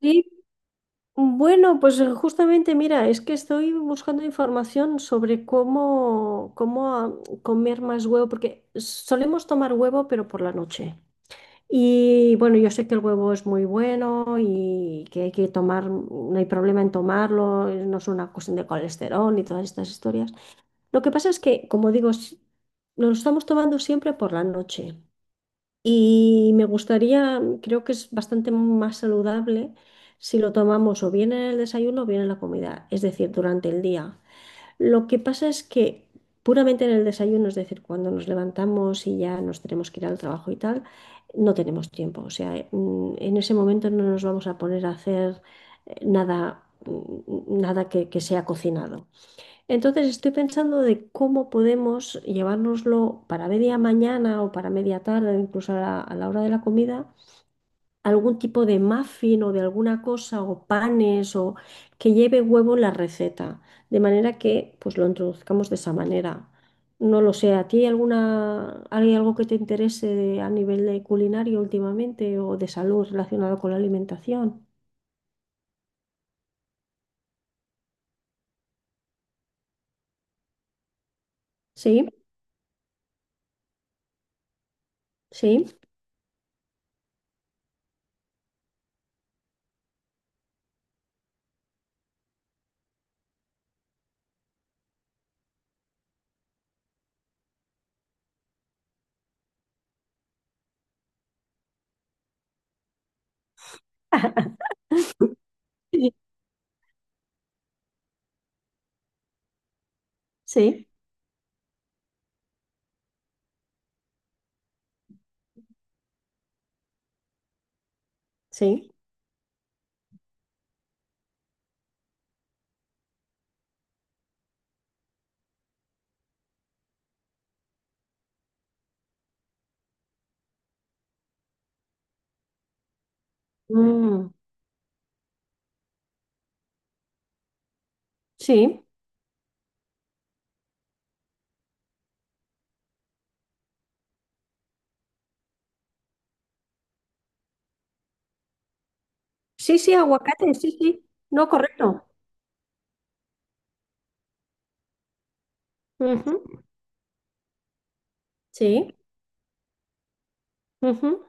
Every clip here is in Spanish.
Sí, bueno, pues justamente, mira, es que estoy buscando información sobre cómo comer más huevo, porque solemos tomar huevo, pero por la noche. Y bueno, yo sé que el huevo es muy bueno y que hay que tomar, no hay problema en tomarlo, no es una cuestión de colesterol ni todas estas historias. Lo que pasa es que, como digo, lo estamos tomando siempre por la noche. Y me gustaría, creo que es bastante más saludable si lo tomamos o bien en el desayuno o bien en la comida, es decir, durante el día. Lo que pasa es que puramente en el desayuno, es decir, cuando nos levantamos y ya nos tenemos que ir al trabajo y tal, no tenemos tiempo. O sea, en ese momento no nos vamos a poner a hacer nada, nada que sea cocinado. Entonces estoy pensando de cómo podemos llevárnoslo para media mañana o para media tarde, incluso a la hora de la comida, algún tipo de muffin o de alguna cosa o panes o que lleve huevo en la receta, de manera que pues lo introduzcamos de esa manera. No lo sé, ¿a ti hay alguna, hay algo que te interese a nivel de culinario últimamente o de salud relacionado con la alimentación? Sí, sí, sí, sí. Mm, sí. Sí, sí, aguacate, sí, sí. No, correcto. Ujú. Sí. Ujú.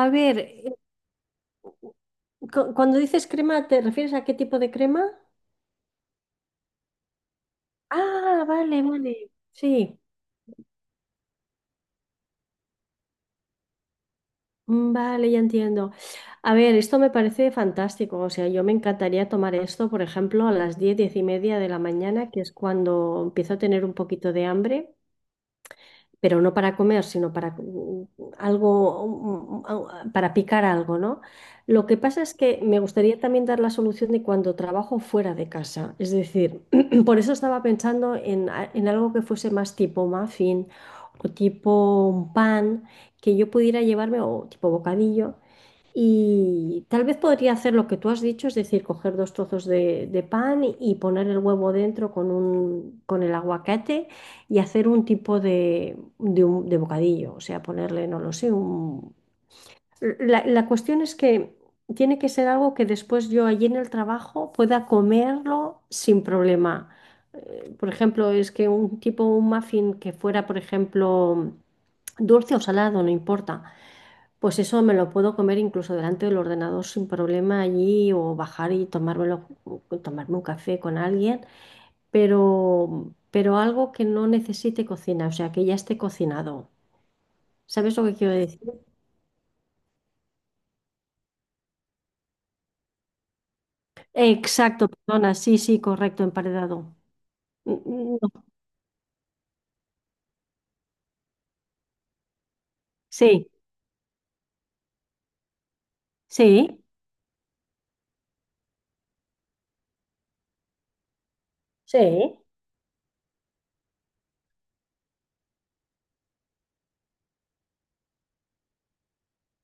A ver, cuando dices crema, ¿te refieres a qué tipo de crema? Ah, vale, vale. Sí, vale, ya entiendo. A ver, esto me parece fantástico. O sea, yo me encantaría tomar esto, por ejemplo, a las 10, 10:30 de la mañana, que es cuando empiezo a tener un poquito de hambre. Pero no para comer, sino para algo, para picar algo, ¿no? Lo que pasa es que me gustaría también dar la solución de cuando trabajo fuera de casa. Es decir, por eso estaba pensando en algo que fuese más tipo muffin o tipo un pan que yo pudiera llevarme o tipo bocadillo, y tal vez podría hacer lo que tú has dicho, es decir, coger dos trozos de pan y poner el huevo dentro con un, con el aguacate, y hacer un tipo de bocadillo, o sea, ponerle, no lo sé, un... La cuestión es que tiene que ser algo que después yo allí en el trabajo pueda comerlo sin problema. Por ejemplo, es que un tipo, un muffin que fuera, por ejemplo, dulce o salado, no importa, pues eso me lo puedo comer incluso delante del ordenador sin problema allí, o bajar y tomármelo, tomarme un café con alguien, pero algo que no necesite cocina, o sea, que ya esté cocinado. ¿Sabes lo que quiero decir? Exacto, perdona, sí, sí, correcto, emparedado. Mm, mm, no. Sí, sí, sí,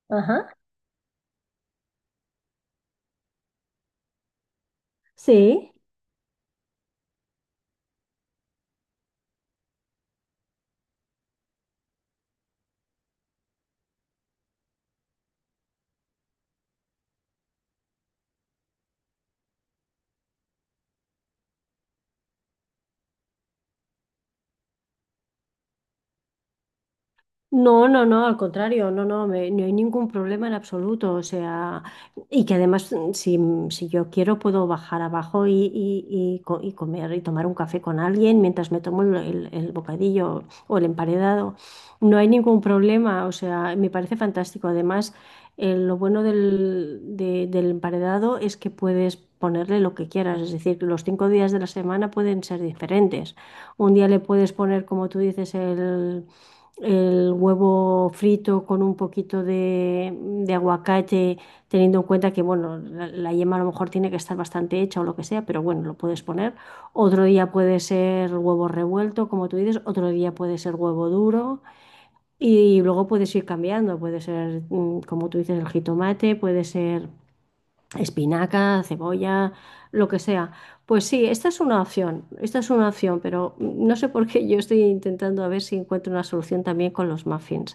ajá, sí. No, no, no, al contrario, no, no, no hay ningún problema en absoluto, o sea, y que además si yo quiero puedo bajar abajo y comer y tomar un café con alguien mientras me tomo el, el bocadillo o el emparedado. No hay ningún problema, o sea, me parece fantástico, además lo bueno del emparedado es que puedes ponerle lo que quieras, es decir, los 5 días de la semana pueden ser diferentes, un día le puedes poner, como tú dices, el huevo frito con un poquito de aguacate, teniendo en cuenta que, bueno, la yema a lo mejor tiene que estar bastante hecha o lo que sea, pero bueno, lo puedes poner. Otro día puede ser huevo revuelto, como tú dices, otro día puede ser huevo duro y, luego puedes ir cambiando, puede ser, como tú dices, el jitomate, puede ser espinaca, cebolla, lo que sea. Pues sí, esta es una opción, esta es una opción, pero no sé por qué yo estoy intentando a ver si encuentro una solución también con los muffins,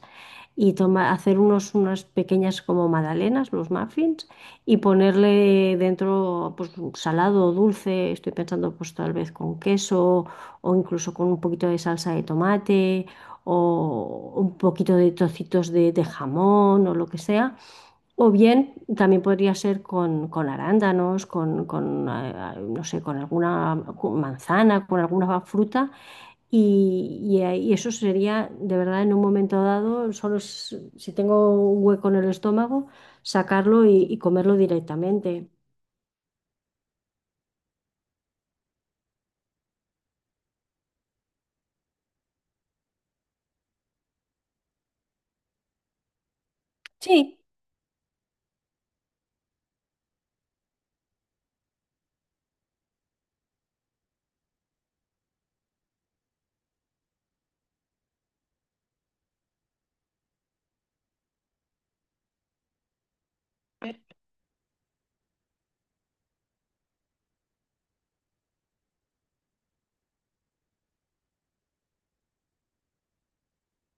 y toma, hacer unas pequeñas como magdalenas, los muffins, y ponerle dentro pues salado o dulce, estoy pensando pues tal vez con queso, o incluso con un poquito de salsa de tomate, o un poquito de trocitos de jamón o lo que sea, o bien también podría ser con, arándanos, no sé, con alguna, con manzana, con alguna fruta. Y eso sería, de verdad, en un momento dado, solo si tengo un hueco en el estómago, sacarlo y comerlo directamente. Sí,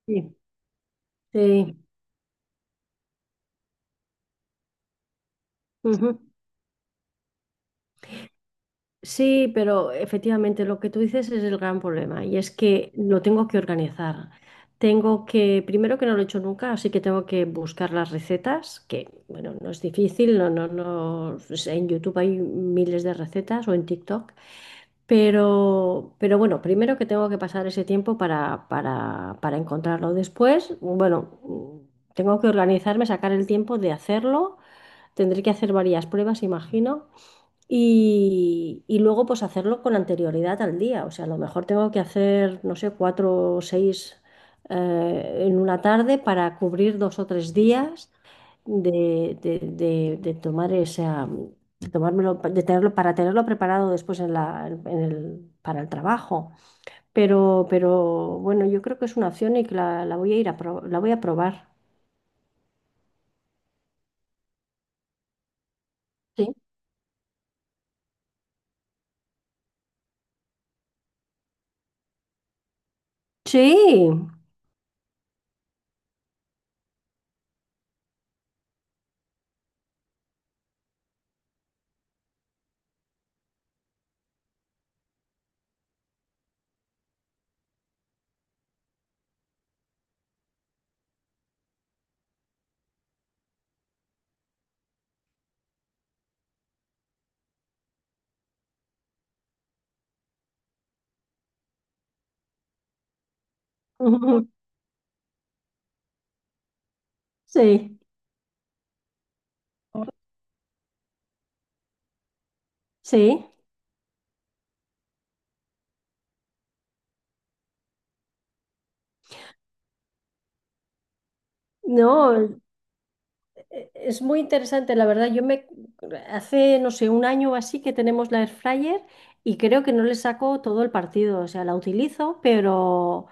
sí, sí. Ujú. Sí, pero efectivamente lo que tú dices es el gran problema, y es que lo tengo que organizar. Tengo que, primero que no lo he hecho nunca, así que tengo que buscar las recetas, que bueno, no es difícil, no, no, no, pues en YouTube hay miles de recetas o en TikTok. Pero bueno, primero que tengo que pasar ese tiempo para encontrarlo. Después, bueno, tengo que organizarme, sacar el tiempo de hacerlo. Tendré que hacer varias pruebas, imagino. Y luego pues hacerlo con anterioridad al día. O sea, a lo mejor tengo que hacer, no sé, cuatro o seis, en una tarde, para cubrir 2 o 3 días de tomar esa, de tomármelo, de tenerlo, para tenerlo preparado después en la, en el, para el trabajo. Pero bueno, yo creo que es una opción y que la voy a probar. Sí. Sí. Sí. Sí. No. Es muy interesante, la verdad. Yo me hace, no sé, un año o así que tenemos la air fryer, y creo que no le saco todo el partido. O sea, la utilizo,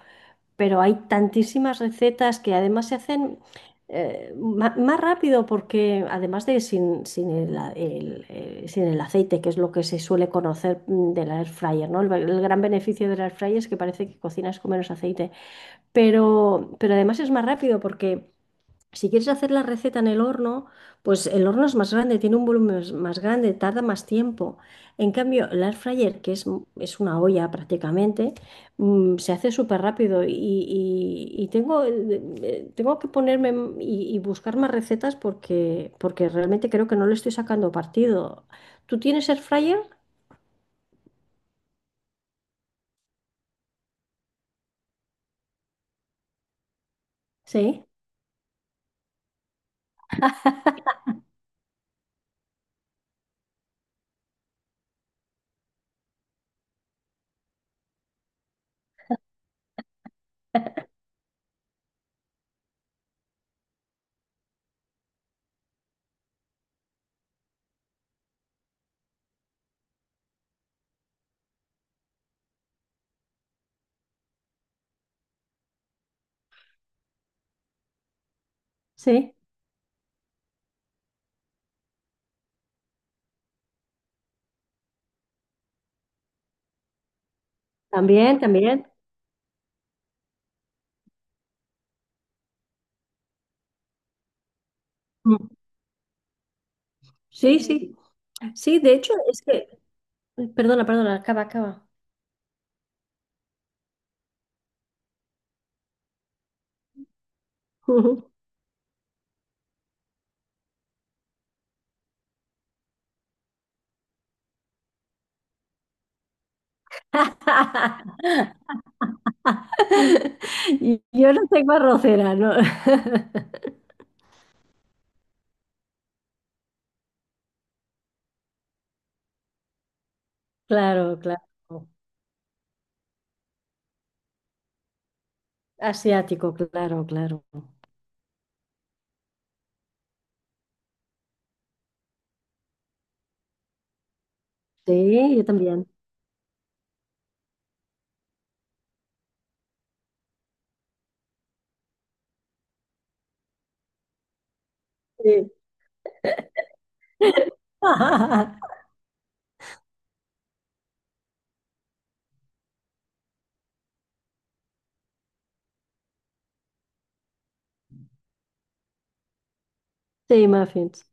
pero hay tantísimas recetas que además se hacen más rápido, porque además de sin, sin el, a- el, sin el aceite, que es lo que se suele conocer, de la air fryer, ¿no? El gran beneficio de la air fryer es que parece que cocinas con menos aceite, pero además es más rápido, porque si quieres hacer la receta en el horno, pues el horno es más grande, tiene un volumen más grande, tarda más tiempo. En cambio, el air fryer, que es una olla prácticamente, se hace súper rápido, y eh, tengo que ponerme y buscar más recetas, porque realmente creo que no le estoy sacando partido. ¿Tú tienes air fryer? Sí, sí. También, también. Mm. Sí, sí. Sí, de hecho, es que... Perdona, perdona, acaba, acaba. Yo no tengo arrocera, ¿no? Claro, claro. Asiático, claro, claro. Sí, yo también. Sí. Sí, muffins.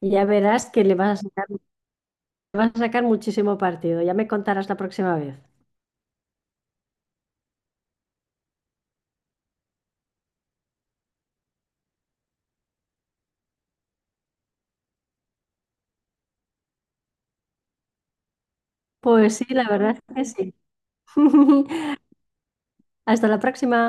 Ya verás que le vas a sacar muchísimo partido. Ya me contarás la próxima vez. Pues sí, la verdad es que sí. Hasta la próxima.